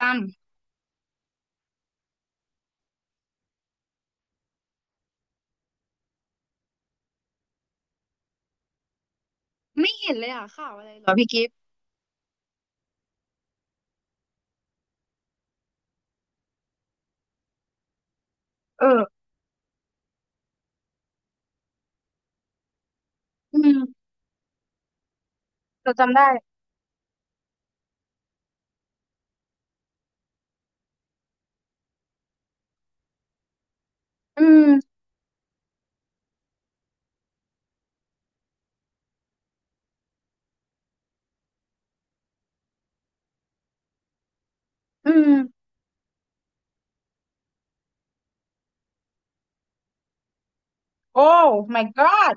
จำไม่เห็นเลยอ่ะข่าวอะไรเหรอพี่กิฟต์เอออืมเราจำได้อืมอืมโอ้ my god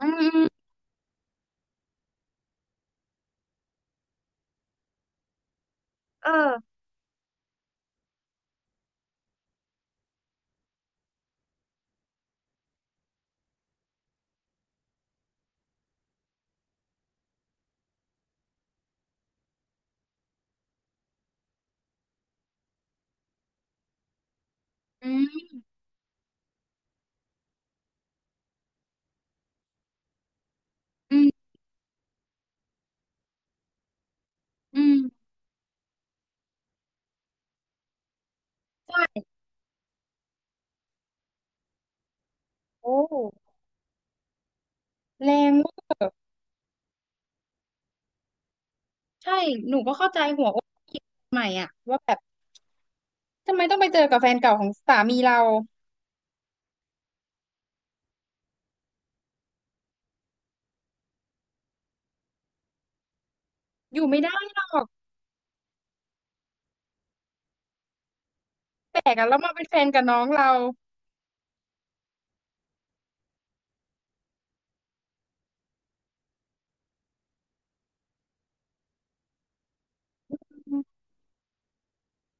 อืมอืมเอออืมอืมอืมใช่โอ้แรงมากใช่หนูก็เข้าใจหัวอกผู้หญิงใหม่อ่ะว่าแบบทำไมต้องไปเจอกับแฟนเก่าของสามีเราอยู่ไม่ได้หรอกแปลกอ่ะแล้วมาเป็นแฟนกับน้องเราอืม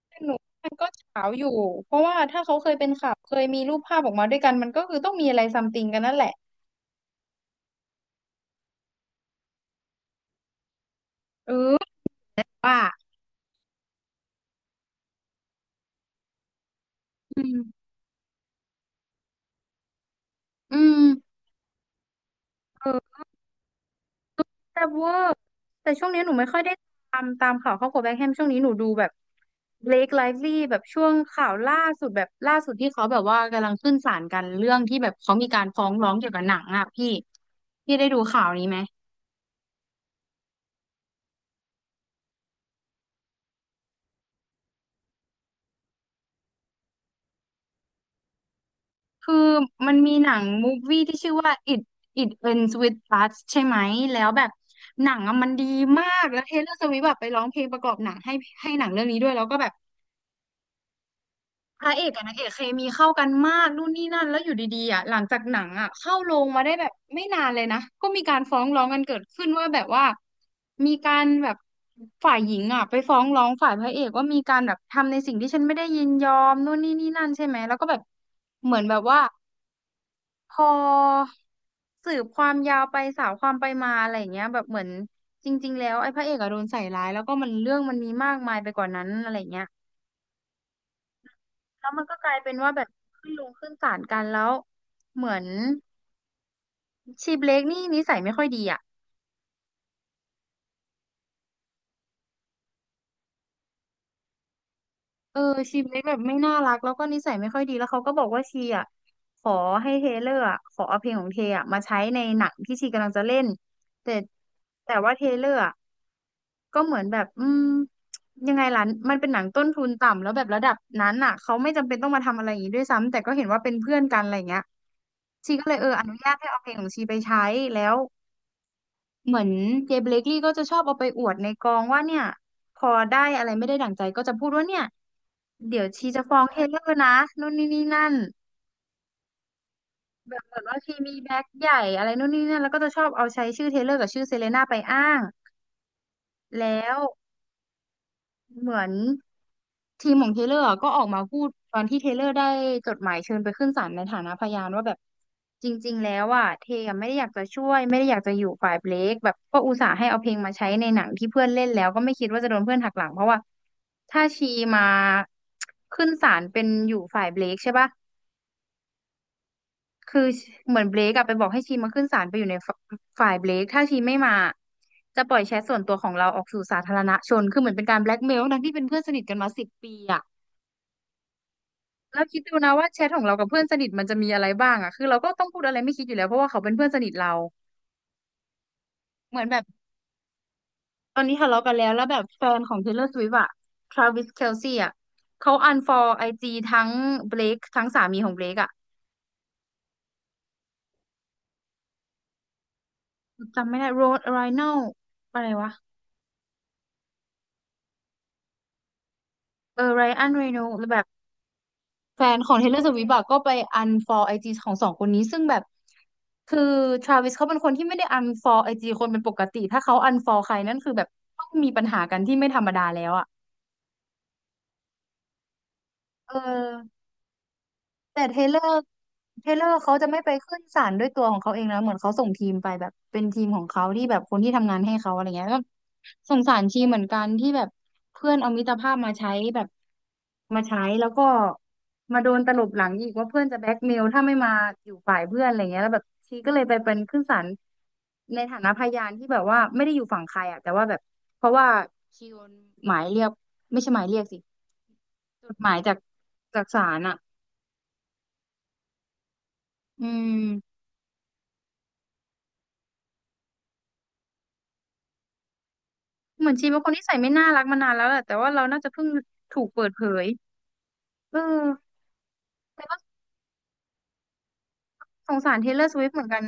แต่หนูมันก็เฉาอยู่เพราะว่าถ้าเขาเคยเป็นข่าวเคยมีรูปภาพออกมาด้วยกันมันก็คือต้องมีอะไรซัมติงกันนั่นแหละเออว่าอืม อืมเออแต่เวอร์แต่ช่วงนี้หนูไม่ค่อยได้ตามข่าวครอบครัวแบ็คแฮมช่วงนี้หนูดูแบบเบล k ไลฟ์ลีแบบช่วงข่าวล่าสุดแบบล่าสุดที่เขาแบบว่ากำลังขึ้นศาลกันเรื่องที่แบบเขามีการฟ้องร้องเกี่ยวกับหนังอ่ะพี่ได้ดูข่าวนี้ไหมคือมันมีหนังมูฟวี่ที่ชื่อว่า It Ends With Us ใช่ไหมแล้วแบบหนังอะมันดีมากแล้วเทย์เลอร์สวิฟต์แบบไปร้องเพลงประกอบหนังให้หนังเรื่องนี้ด้วยแล้วก็แบบ พระเอกกับนางเอกเคมีเข้ากันมากนู่นนี่นั่นแล้วอยู่ดีๆอ่ะหลังจากหนังอ่ะเข้าโรงมาได้แบบไม่นานเลยนะก็มีการฟ้องร้องกันเกิดขึ้นว่าแบบว่ามีการแบบฝ่ายหญิงอ่ะไปฟ้องร้องฝ่ายพระเอกว่ามีการแบบทำในสิ่งที่ฉันไม่ได้ยินยอมนู่นนี่นี่นั่นใช่ไหมแล้วก็แบบเหมือนแบบว่าพอสืบความยาวไปสาวความไปมาอะไรอย่างเงี้ยแบบเหมือนจริงๆแล้วไอ้พระเอกอะโดนใส่ร้ายแล้วก็มันเรื่องมันมีมากมายไปกว่านั้นอะไรอย่างเงี้ย แล้วมันก็กลายเป็นว่าแบบขึ้นลงขึ้นศาลกันแล้วเหมือนชีเบรกนี่นิสัยไม่ค่อยดีอ่ะเออชีเล็กแบบไม่น่ารักแล้วก็นิสัยไม่ค่อยดีแล้วเขาก็บอกว่าชีอ่ะขอให้เทเลอร์อะขอเอาเพลงของเทอ่ะมาใช้ในหนังที่ชีกำลังจะเล่นแต่ว่าเทเลอร์อะก็เหมือนแบบอืมยังไงล่ะมันเป็นหนังต้นทุนต่ำแล้วแบบระดับนั้นอ่ะเขาไม่จำเป็นต้องมาทำอะไรอย่างนี้ด้วยซ้ำแต่ก็เห็นว่าเป็นเพื่อนกันอะไรอย่างเงี้ยชีก็เลยเอออนุญาตให้เอาเพลงของชีไปใช้แล้ว เหมือนเจเบเลกลี่ก็จะชอบเอาไปอวดในกองว่าเนี่ยพอได้อะไรไม่ได้ดั่งใจก็จะพูดว่าเนี่ยเดี๋ยวชีจะฟ้องเทเลอร์นะนู่นนี่นี่นั่นแบบเหมือนว่าชีมีแบ็คใหญ่อะไรนู่นนี่นั่นแล้วก็จะชอบเอาใช้ชื่อเทเลอร์กับชื่อเซเลน่าไปอ้างแล้ว เหมือนทีมของเทเลอร์ก็ออกมาพูดตอนที่เทเลอร์ได้จดหมายเชิญไปขึ้นศาลในฐานะพยานว่าแบบจริงๆแล้วอ่ะเทอะไม่ได้อยากจะช่วยไม่ได้อยากจะอยู่ฝ่ายเบลคแบบก็อุตส่าห์ให้เอาเพลงมาใช้ในหนังที่เพื่อนเล่นแล้วก็ไม่คิดว่าจะโดนเพื่อนหักหลังเพราะว่าถ้าชีมาขึ้นศาลเป็นอยู่ฝ่ายเบลคใช่ปะคือเหมือนเบรกอะไปบอกให้ชีมาขึ้นศาลไปอยู่ในฝฝ่ายเบรกถ้าชีไม่มาจะปล่อยแชทส่วนตัวของเราออกสู่สาธารณชนคือเหมือนเป็นการแบล็กเมลทั้งที่เป็นเพื่อนสนิทกันมา10 ปีอะ แล้วคิดดูนะว่าแชทของเรากับเพื่อนสนิทมันจะมีอะไรบ้างอะคือเราก็ต้องพูดอะไรไม่คิดอยู่แล้วเพราะว่าเขาเป็นเพื่อนสนิทเรา เหมือนแบบตอนนี้ทะเลาะกันแล้วแล้วแบบแฟนของ Taylor Swift อะ Travis Kelce อะเขา unfollow ไอจีทั้งเบ k e ทั้งสามีของเบ k e อะจำไม่ได้ Rod Ryan อะไรวะเออ Ryan Reynolds แล้วแบบแฟนของ Taylor Swift อะก็ไป unfollow ไอจีของสองคนนี้ซึ่งแบบคือ Travis เขาเป็นคนที่ไม่ได้ unfollow ไอจีคนเป็นปกติถ้าเขา unfollow ใครนั่นคือแบบต้องมีปัญหากันที่ไม่ธรรมดาแล้วอะ เออแต่เทเลอร์เขาจะไม่ไปขึ้นศาลด้วยตัวของเขาเองนะเหมือนเขาส่งทีมไปแบบเป็นทีมของเขาที่แบบคนที่ทำงานให้เขาอะไรเงี้ยก็สงสารชีเหมือนกันที่แบบเพื่อนเอามิตรภาพมาใช้แบบมาใช้แล้วก็มาโดนตลบหลังอีกว่าเพื่อนจะแบล็กเมลถ้าไม่มาอยู่ฝ่ายเพื่อนอะไรเงี้ยแล้วแบบชีก็เลยไปเป็นขึ้นศาลในฐานะพยานที่แบบว่าไม่ได้อยู่ฝั่งใครอ่ะแต่ว่าแบบเพราะว่าชีโดนหมายเรียกไม่ใช่หมายเรียกสิจดหมายจากศาลอะ อืมเหมือนชีเป็นคนนิสัยไม่น่ารักมานานแล้วแหละ แต่ว่าเราน่าจะเพิ่งถูกเปิดเผยเออแต่ก็สงสารเทย์เลอร์สวิฟต์เหมือนกัน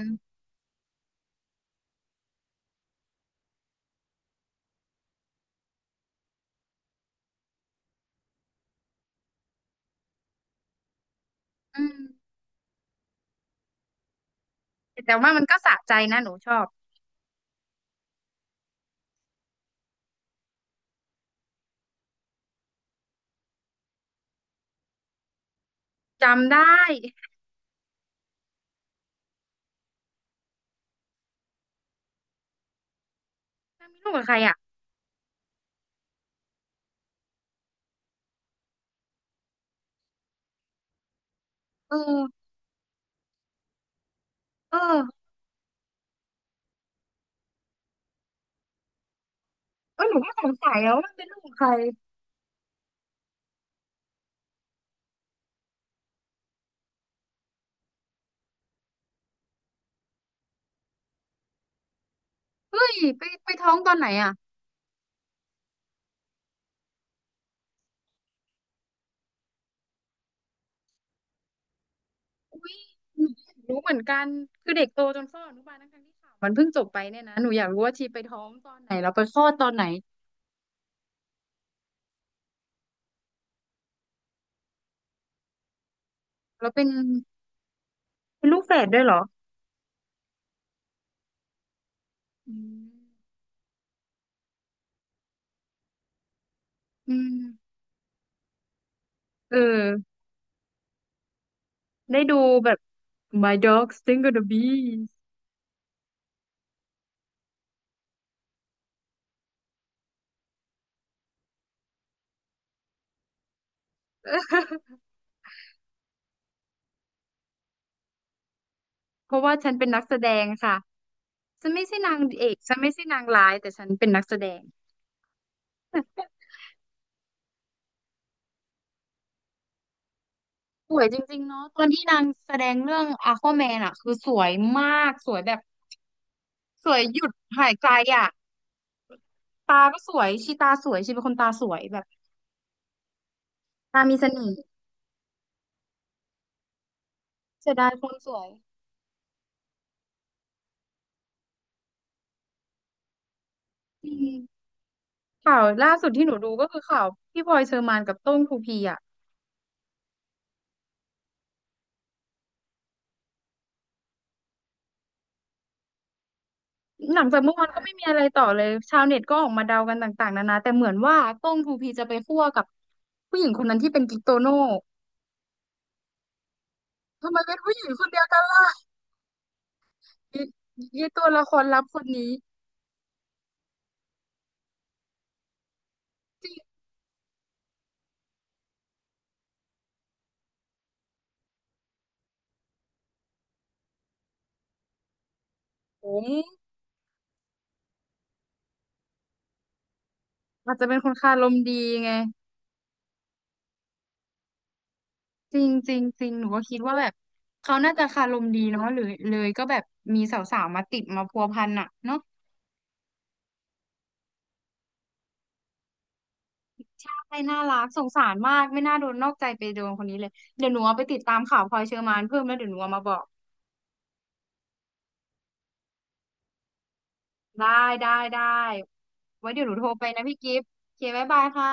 อืมแต่ว่ามันก็สะใจนะหนูชอบ จำได้แม่นเลูกกับใครอ่ะ เออ เออเออหนูก็สงสัยแล้วว่ามันเป็นลูกของใคร เฮ้ยไปท้องตอนไหนอ่ะ อุ้ยหนูอยากรู้เหมือนกัน คือเด็กโตจนเข้าอนุบาลทั้งๆที่ข่าวมันเพิ่งจบไปเนี่ยนะหนูอยากรู้ว่าชีไปท้องตอนไหนแล้วไปคลอดตอนไหนแล้วเป็นลูกแฝดด้วยเหรออืมอืม เออได้ดูแบบ My Dog Sting of the beast เพราะว่าฉันเป็นนักแสดงค่ะฉันไม่ใช่นางเอกฉันไม่ใช่นางร้ายแต่ฉันเป็นนักแสดงสวยจริงๆเนาะตอนที่นางแสดงเรื่อง Aquaman อ่ะคือสวยมากสวยแบบสวยหยุดหายใจอ่ะตาก็สวยชีตาสวยชีเป็นคนตาสวยแบบตามีเสน่ห์เสียดายคนสวยอืมข่าวล่าสุดที่หนูดูก็คือข่าวพี่พลอยเชอร์มานกับโต้งทูพีอ่ะ หลังจากเมื่อวานก็ไม่มีอะไรต่อเลยชาวเน็ตก็ออกมาเดากันต่างๆนานาแต่เหมือนว่าก้องทูพีจะไปคั่วกับผู้หญิงคนนั้นที่เป็นกิ๊กโตโน่ทำไมเป็นผู้หญิงคนเดียวกันล่ะ ยียีตัวละครลับคนนี้จริงผมอาจจะเป็นคนคารมดีไงจริงจริงจริงหนูก็คิดว่าแบบเขาน่าจะคารมดีเนาะหรือเลยก็แบบมีสาวๆมาติดมาพัวพันอ่ะเนาะใช่น่ารักสงสารมากไม่น่าโดนนอกใจไปโดนคนนี้เลยเดี๋ยวหนูเอาไปติดตามข่าวพลอยเชอร์มานเพิ่มแล้วเดี๋ยวหนูเอามาบอก ได้ได้ไว้เดี๋ยวหนูโทรไปนะพี่กิฟต์โอเคบ๊ายบายค่ะ